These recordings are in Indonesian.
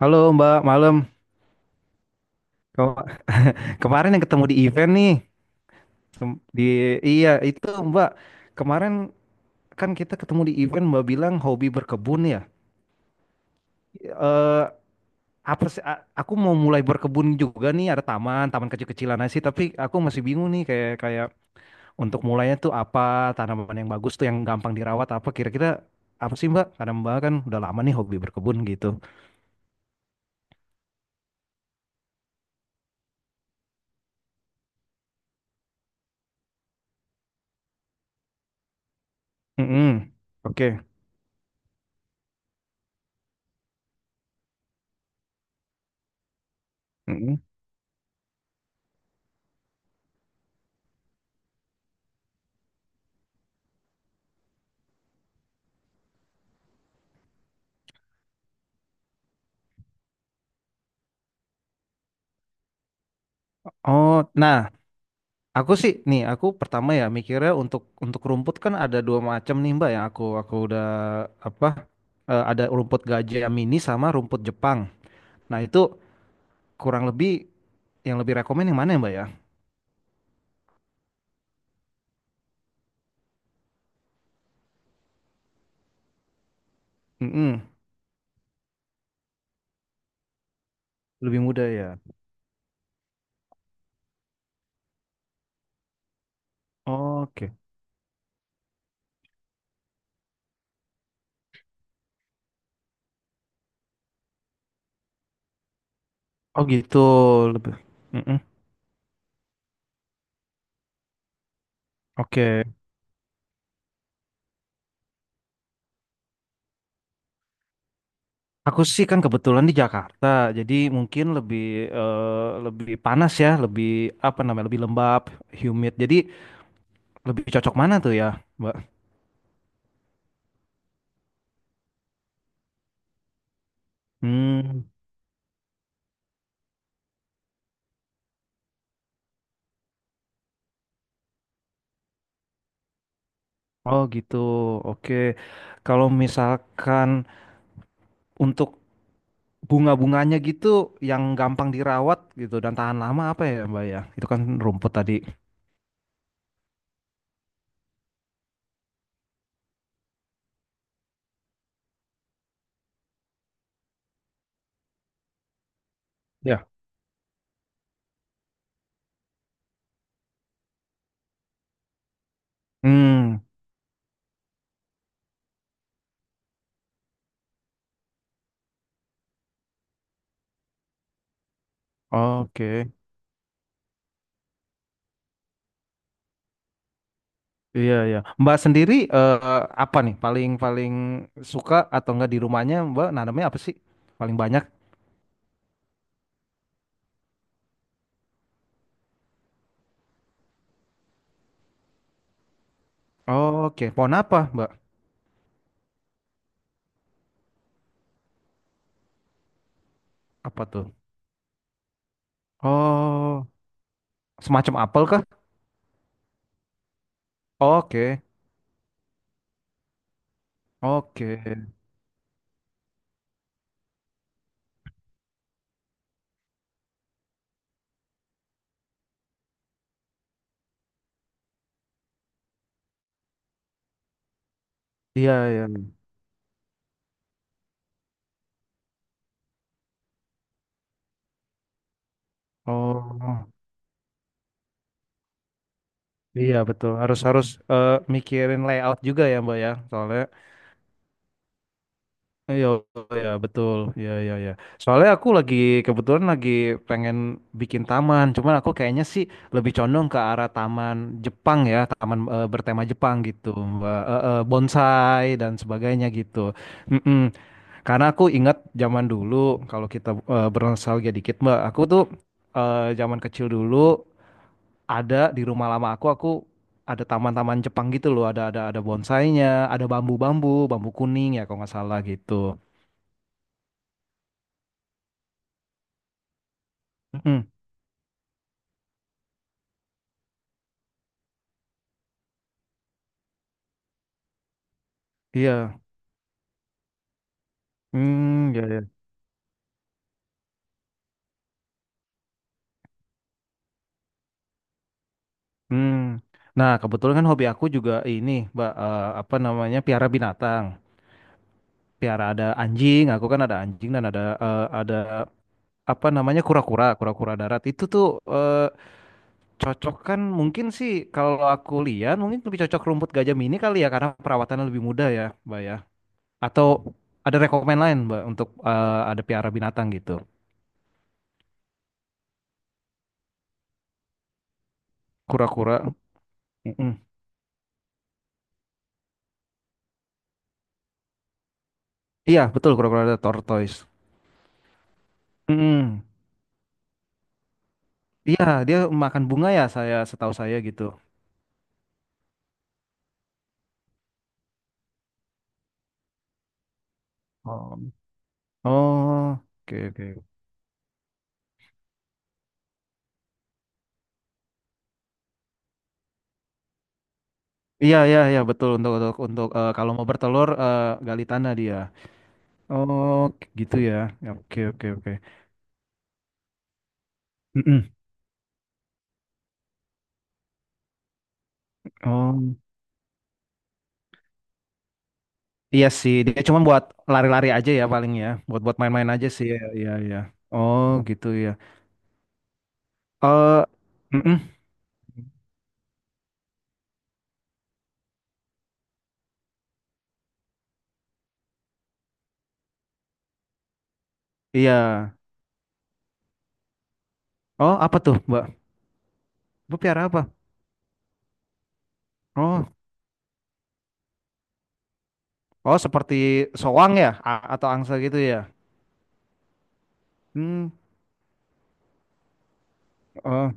Halo Mbak, malam. Kem- Kemarin yang ketemu di event nih. Kem- Di iya itu Mbak. Kemarin kan kita ketemu di event, Mbak bilang hobi berkebun ya. Eh apa sih? Aku mau mulai berkebun juga nih. Ada taman, taman kecil-kecilan aja sih. Tapi aku masih bingung nih, kayak kayak untuk mulainya tuh apa, tanaman yang bagus tuh yang gampang dirawat apa, kira-kira apa sih Mbak? Karena Mbak kan udah lama nih hobi berkebun gitu. Mm-mm. Oke. Mm-mm. Oh, nah. Aku sih nih, aku pertama ya mikirnya untuk rumput kan ada dua macam nih Mbak, yang aku udah apa, ada rumput gajah yang mini sama rumput Jepang. Nah itu kurang lebih yang lebih rekomen yang mana ya Mbak ya? Mm-mm, lebih mudah ya. Oke. Oh gitu, lebih. Mm-mm. Oke. Aku sih kan kebetulan di Jakarta, jadi mungkin lebih panas ya, lebih apa namanya, lebih lembab, humid. Jadi lebih cocok mana tuh ya Mbak? Hmm. Oh gitu, oke. Kalau misalkan untuk bunga-bunganya gitu, yang gampang dirawat gitu dan tahan lama apa ya Mbak ya? Itu kan rumput tadi. Ya. Hmm, oke. Iya ya. Mbak sendiri, apa nih paling paling suka atau enggak di rumahnya Mbak, nanamnya apa sih? Paling banyak? Oke, pohon apa Mbak? Apa tuh? Oh, semacam apel kah? Oke, oke. Iya ya. Oh. Iya betul, harus harus eh, mikirin layout juga ya Mbak ya, soalnya. Iya ya, betul. Ya, ya, ya. Soalnya aku lagi, kebetulan lagi pengen bikin taman, cuman aku kayaknya sih lebih condong ke arah taman Jepang, ya taman bertema Jepang gitu Mbak. Bonsai dan sebagainya gitu. Mm-mm. Karena aku ingat zaman dulu, kalau kita bernostalgia dikit Mbak, aku tuh zaman kecil dulu ada di rumah lama, aku ada taman-taman Jepang gitu loh, ada bonsainya, ada bambu kuning ya kalau nggak salah gitu. Hmm. Iya. Hmm. Ya, ya. Hmm. Nah, kebetulan kan hobi aku juga ini Mbak, apa namanya, piara binatang. Piara, ada anjing. Aku kan ada anjing, dan ada apa namanya, kura-kura darat itu tuh. Eh, cocok kan mungkin sih, kalau aku lihat mungkin lebih cocok rumput gajah mini kali ya, karena perawatannya lebih mudah ya Mbak ya. Atau ada rekomen lain Mbak, untuk ada piara binatang gitu. Kura-kura. Mm-mm. Iya, betul kura-kura, ada tortoise. Mm-mm. Iya, dia makan bunga ya, saya, setahu saya gitu. Oh. Oh, oke, oke. Iya, iya, iya, betul. Untuk kalau mau bertelur, gali tanah dia. Oh, gitu ya. Ya. Oke, oke, oke. Mm-mm. Oh. Iya sih, dia cuma buat lari-lari aja ya paling ya, buat buat main-main aja sih. Iya, iya, iya. Oh, gitu ya. Eh, mm-mm. Iya. Oh, apa tuh Mbak? Mbak piara apa? Oh, oh, seperti soang ya, atau angsa gitu ya. Hmm. Oh,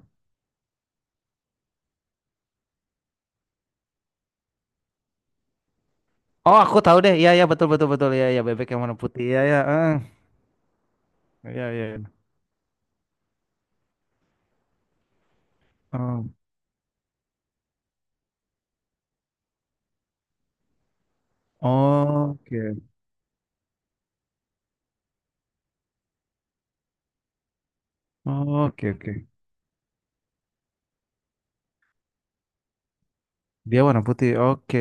oh, aku tahu deh. Iya, iya, betul, betul, betul. Iya, iya, bebek yang warna putih. Iya, iya. Eh. Iya, iya, iya. Oh, oke. Oke, oke. Dia warna putih. Oke.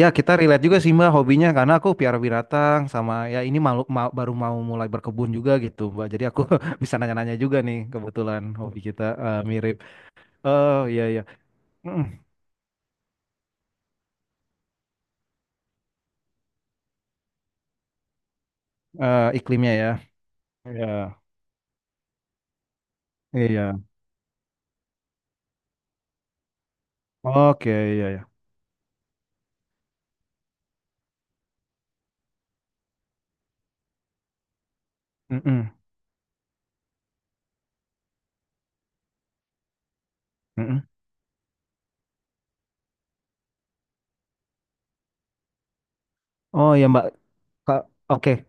Ya, kita relate juga sih Mbak hobinya, karena aku piara binatang sama ya, ini malu, baru mau mulai berkebun juga gitu Mbak. Jadi aku bisa nanya-nanya juga nih, kebetulan hobi kita mirip. Oh, iya, iya. Mm, iklimnya ya. Iya, iya. Oke, iya ya. Mm-mm, mm-mm. Oh ya Mbak, oke.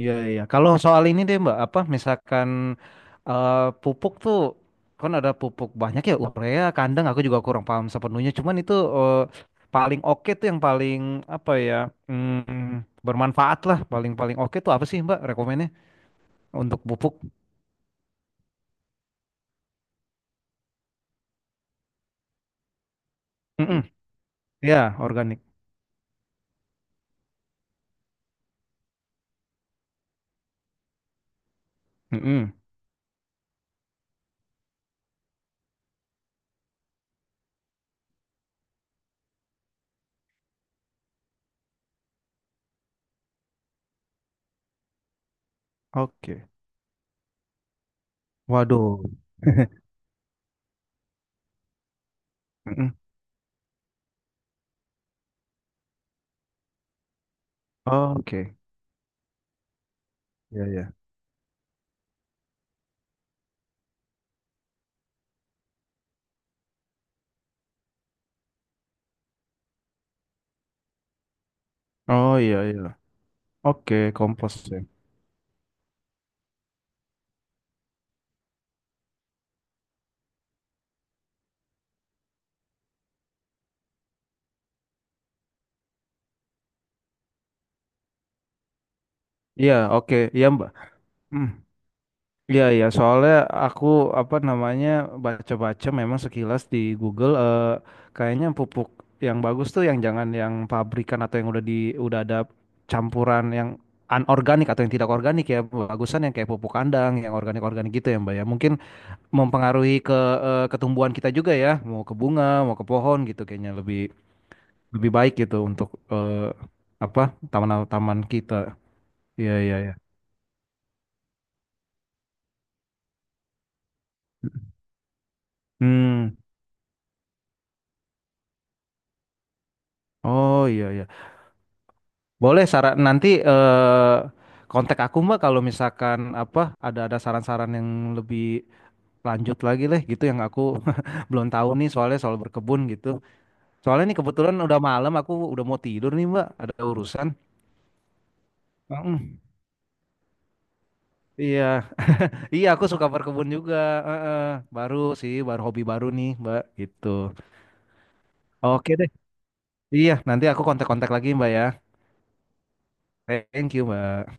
Iya, iya. Kalau soal ini deh Mbak, apa misalkan eh, pupuk tuh kan ada pupuk banyak ya, urea, kandang, aku juga kurang paham sepenuhnya. Cuman itu paling oke tuh yang paling apa ya, bermanfaat lah, paling paling oke tuh apa sih Mbak rekomennya untuk pupuk? Mm-mm. Ya, organik. Mm-mm. Oke. Waduh. Mm-mm. Oke. Iya, iya. Oh, iya, iya. Oke, kompos ya. Iya, oke. Iya Mbak. Hmm. Iya, iya, soalnya aku apa namanya, baca-baca memang sekilas di Google, kayaknya pupuk yang bagus tuh, yang jangan yang pabrikan atau yang udah udah ada campuran yang anorganik atau yang tidak organik ya. Bagusan yang kayak pupuk kandang, yang organik-organik gitu ya Mbak ya. Mungkin mempengaruhi ke ketumbuhan kita juga ya, mau ke bunga, mau ke pohon, gitu kayaknya lebih lebih baik gitu untuk, apa, taman-taman kita. Iya, iya, iya. Hmm. Oh, iya, iya. Boleh saran nanti, kontak aku Mbak, kalau misalkan apa, ada saran-saran yang lebih lanjut lagi leh gitu, yang aku belum tahu nih, soalnya soal berkebun gitu. Soalnya nih kebetulan udah malam, aku udah mau tidur nih Mbak, ada urusan. Mm, iya. Iya, aku suka berkebun juga. Heeh. Baru sih, baru hobi baru nih Mbak gitu. Oke deh. Iya, nanti aku kontak-kontak lagi Mbak ya. Thank you Mbak.